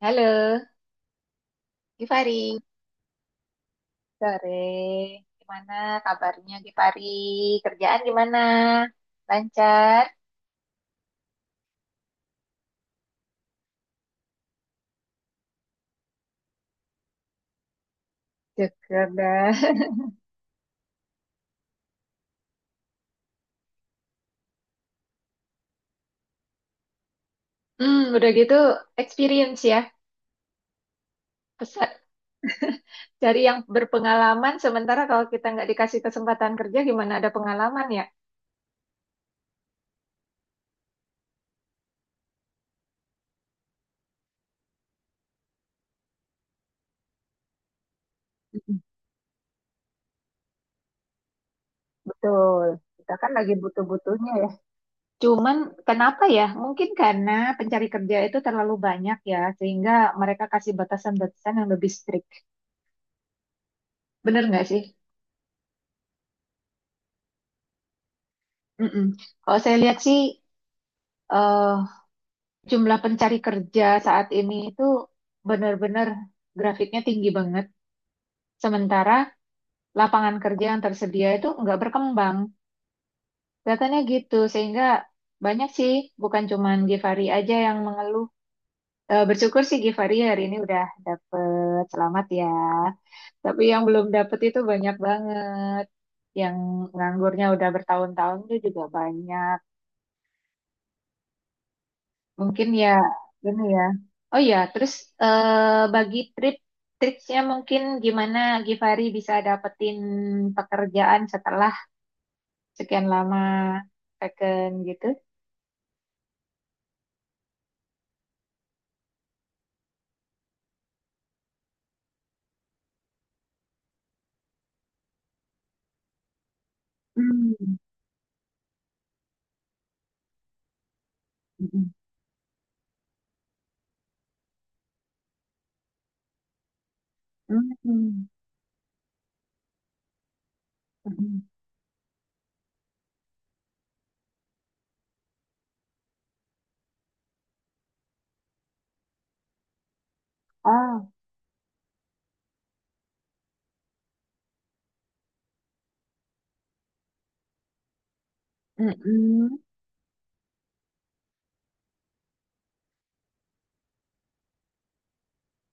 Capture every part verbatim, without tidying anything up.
Halo, Gifari. Sore. Gimana kabarnya Gifari? Kerjaan gimana? Lancar? Syukur dah. Hmm, udah gitu experience ya. Pesa- Cari yang berpengalaman, sementara kalau kita nggak dikasih kesempatan kerja, gimana ada pengalaman ya? Mm-mm. Betul. Kita kan lagi butuh-butuhnya ya. Cuman kenapa ya? Mungkin karena pencari kerja itu terlalu banyak ya, sehingga mereka kasih batasan-batasan yang lebih strict. Bener nggak sih? Mm-mm. Kalau saya lihat sih eh, jumlah pencari kerja saat ini itu benar-benar grafiknya tinggi banget. Sementara lapangan kerja yang tersedia itu nggak berkembang. Kelihatannya gitu, sehingga banyak sih, bukan cuman Givari aja yang mengeluh. Eh, bersyukur sih Givari hari ini udah dapet, selamat ya. Tapi yang belum dapet itu banyak banget. Yang nganggurnya udah bertahun-tahun itu juga banyak. Mungkin ya, gini ya. Oh ya, terus eh, bagi trip triksnya mungkin gimana Givari bisa dapetin pekerjaan setelah sekian lama vacation gitu? Hmm, mm-mm, mm-mm, mm-mm. Oh, mm-mm.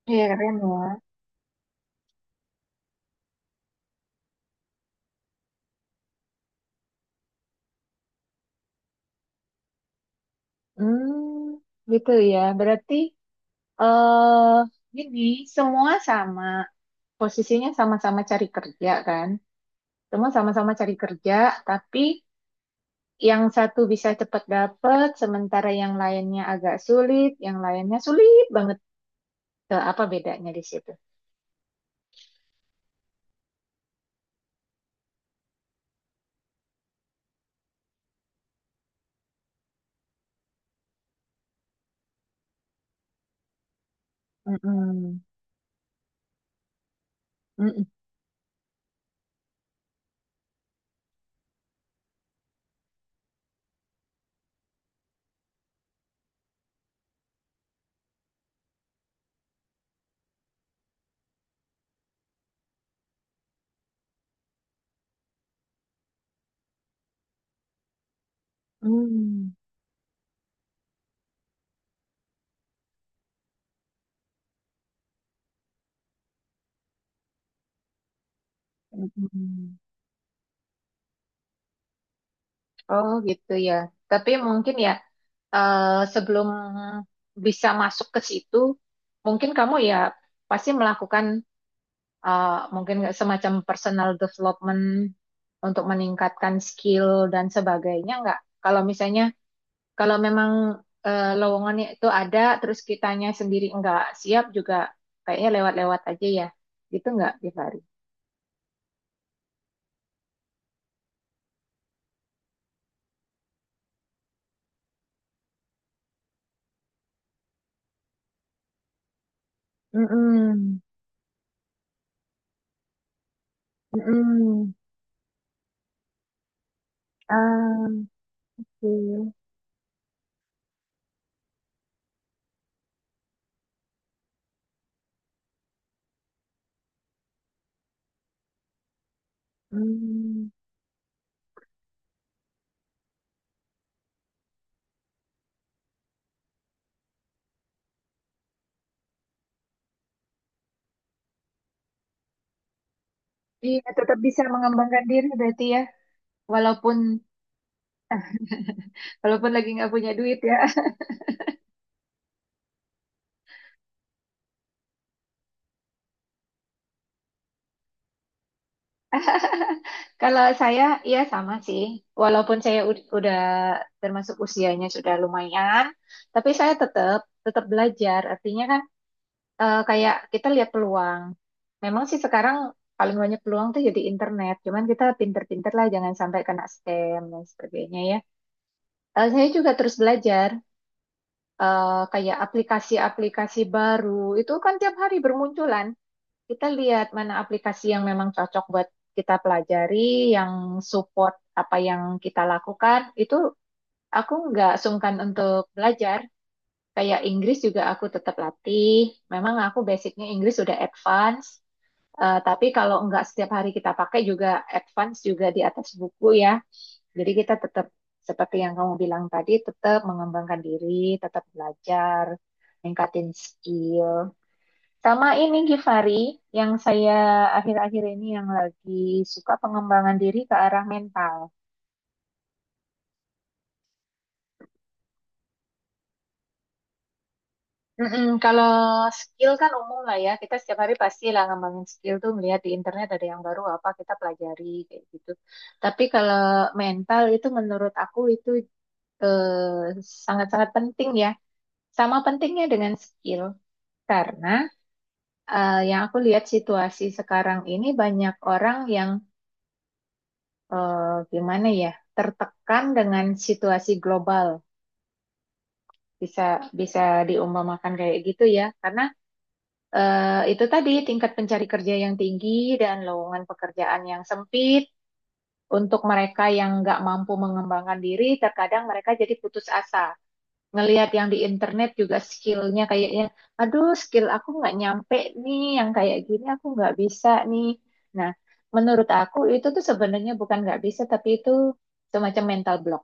Iya keren ya. Hmm, gitu ya. Berarti eh gini, semua sama posisinya sama-sama cari kerja kan? Semua sama-sama cari kerja, tapi yang satu bisa cepat dapat, sementara yang lainnya agak sulit, yang lainnya sulit banget. Eh, apa bedanya di situ? Mm-mm. Mm-mm. Hmm, mm-mm. Oh gitu ya. Tapi mungkin ya eh, sebelum bisa masuk ke situ, mungkin kamu ya pasti melakukan eh, mungkin nggak semacam personal development untuk meningkatkan skill dan sebagainya nggak? Kalau misalnya Kalau memang eh, lowongannya itu ada, terus kitanya sendiri nggak siap juga, kayaknya lewat-lewat aja ya. Gitu nggak, Givari? Mm-mm. Mm-mm. Ah, oke. Mm. Iya, tetap bisa mengembangkan diri berarti ya. Walaupun walaupun lagi nggak punya duit ya. Kalau saya, ya sama sih. Walaupun saya ud- udah termasuk usianya sudah lumayan, tapi saya tetap tetap belajar. Artinya kan eh, kayak kita lihat peluang. Memang sih sekarang paling banyak peluang tuh jadi internet. Cuman kita pinter-pinter lah, jangan sampai kena scam dan sebagainya ya. Eh, saya juga terus belajar eh, kayak aplikasi-aplikasi baru. Itu kan tiap hari bermunculan. Kita lihat mana aplikasi yang memang cocok buat kita pelajari, yang support apa yang kita lakukan. Itu aku nggak sungkan untuk belajar. Kayak Inggris juga aku tetap latih. Memang aku basicnya Inggris udah advance. Eh, tapi kalau nggak setiap hari kita pakai juga, advance juga di atas buku ya. Jadi kita tetap seperti yang kamu bilang tadi, tetap mengembangkan diri, tetap belajar, meningkatin skill. Sama ini Givari, yang saya akhir-akhir ini yang lagi suka pengembangan diri ke arah mental. Mm-mm, kalau skill kan umum lah ya, kita setiap hari pasti lah ngembangin skill tuh melihat di internet ada yang baru apa kita pelajari kayak gitu. Tapi kalau mental itu menurut aku itu eh, sangat-sangat penting ya. Sama pentingnya dengan skill. Karena eh, yang aku lihat situasi sekarang ini banyak orang yang eh, gimana ya, tertekan dengan situasi global. Bisa Bisa diumpamakan kayak gitu ya. Karena eh, itu tadi tingkat pencari kerja yang tinggi dan lowongan pekerjaan yang sempit. Untuk mereka yang nggak mampu mengembangkan diri, terkadang mereka jadi putus asa. Ngelihat yang di internet juga skillnya kayaknya, aduh skill aku nggak nyampe nih, yang kayak gini aku nggak bisa nih. Nah, menurut aku itu tuh sebenarnya bukan nggak bisa, tapi itu semacam mental block,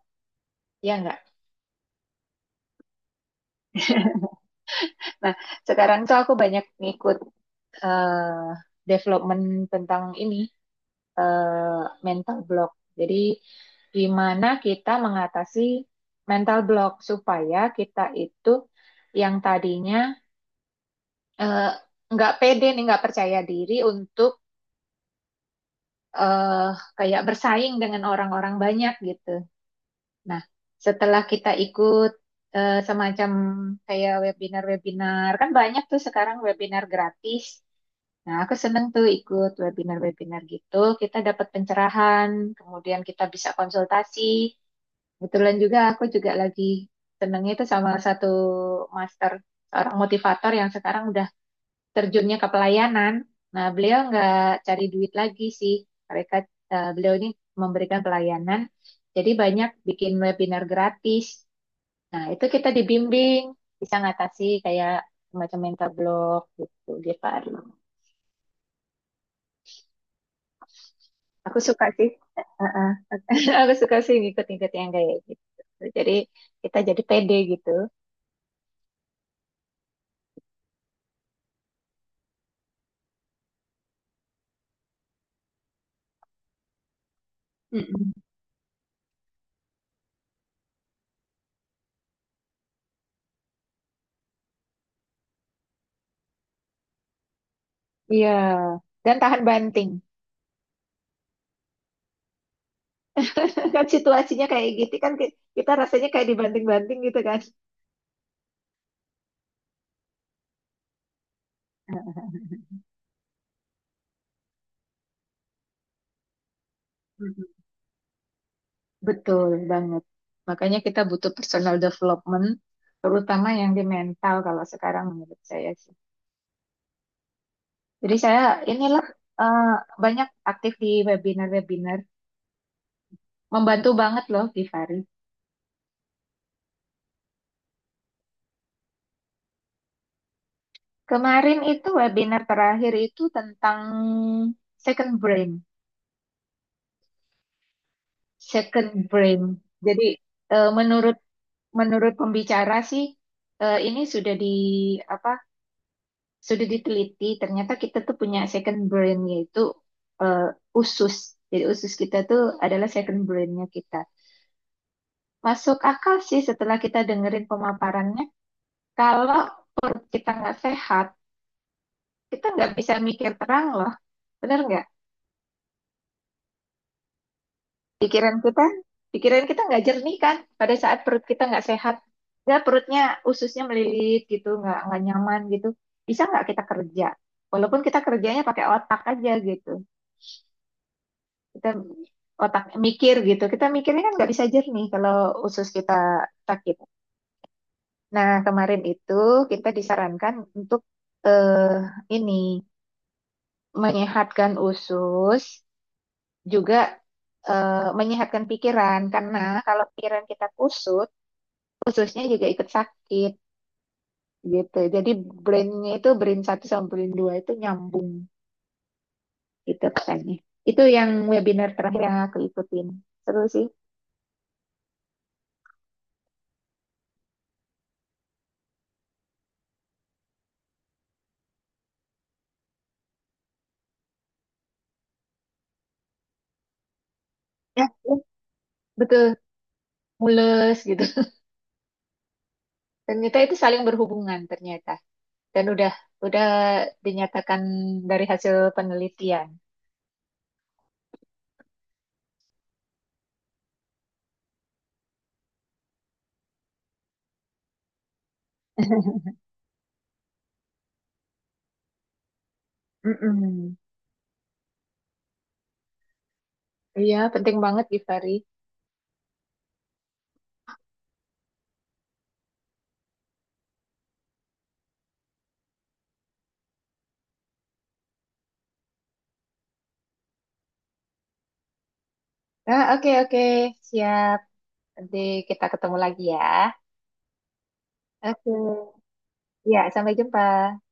ya nggak? Nah, sekarang tuh aku banyak ngikut eh, development tentang ini, eh, mental block. Jadi gimana kita mengatasi mental block supaya kita itu yang tadinya eh, nggak pede nih, nggak percaya diri untuk eh, kayak bersaing dengan orang-orang banyak gitu. Nah, setelah kita ikut eh, semacam kayak webinar-webinar, kan banyak tuh sekarang webinar gratis. Nah, aku seneng tuh ikut webinar-webinar gitu. Kita dapat pencerahan, kemudian kita bisa konsultasi. Kebetulan juga aku juga lagi senengnya itu sama satu master, seorang motivator yang sekarang udah terjunnya ke pelayanan. Nah, beliau nggak cari duit lagi sih. Mereka eh, beliau ini memberikan pelayanan. Jadi banyak bikin webinar gratis. Nah, itu kita dibimbing bisa ngatasi kayak macam mental block gitu dia Arlo. Aku suka sih. Heeh. Aku suka sih ngikut-ngikut yang kayak gitu. Jadi kita jadi pede gitu. Mm-mm. Iya. Dan tahan banting. Kan situasinya kayak gitu kan, ki- kita rasanya kayak dibanting-banting gitu kan. Betul banget. Makanya kita butuh personal development, terutama yang di mental kalau sekarang menurut saya sih. Jadi saya inilah eh, banyak aktif di webinar-webinar, membantu banget loh Givari. Kemarin itu webinar terakhir itu tentang second brain, second brain. Jadi eh, menurut menurut pembicara sih, eh, ini sudah di apa, sudah diteliti ternyata kita tuh punya second brain, yaitu eh, usus. Jadi usus kita tuh adalah second brainnya kita. Masuk akal sih setelah kita dengerin pemaparannya. Kalau perut kita nggak sehat, kita nggak bisa mikir terang loh, bener nggak? Pikiran kita pikiran kita nggak jernih kan pada saat perut kita nggak sehat, nggak, perutnya ususnya melilit gitu, nggak nggak nyaman gitu. Bisa nggak kita kerja, walaupun kita kerjanya pakai otak aja gitu? Kita otak mikir gitu, kita mikirnya kan nggak bisa jernih kalau usus kita sakit. Nah, kemarin itu kita disarankan untuk eh, ini menyehatkan usus, juga eh, menyehatkan pikiran. Karena kalau pikiran kita kusut, ususnya juga ikut sakit gitu. Jadi brainnya itu brain satu sama brain dua itu nyambung, gitu katanya. Itu yang webinar terakhir yang aku ikutin, seru sih. Ya, ya, betul, mules gitu. Ternyata itu saling berhubungan ternyata. Dan udah udah dinyatakan dari hasil penelitian. Mm-mm. Iya, penting banget Givari. Nah, oke oke, siap. Nanti kita ketemu lagi ya. Oke. Ya, sampai jumpa.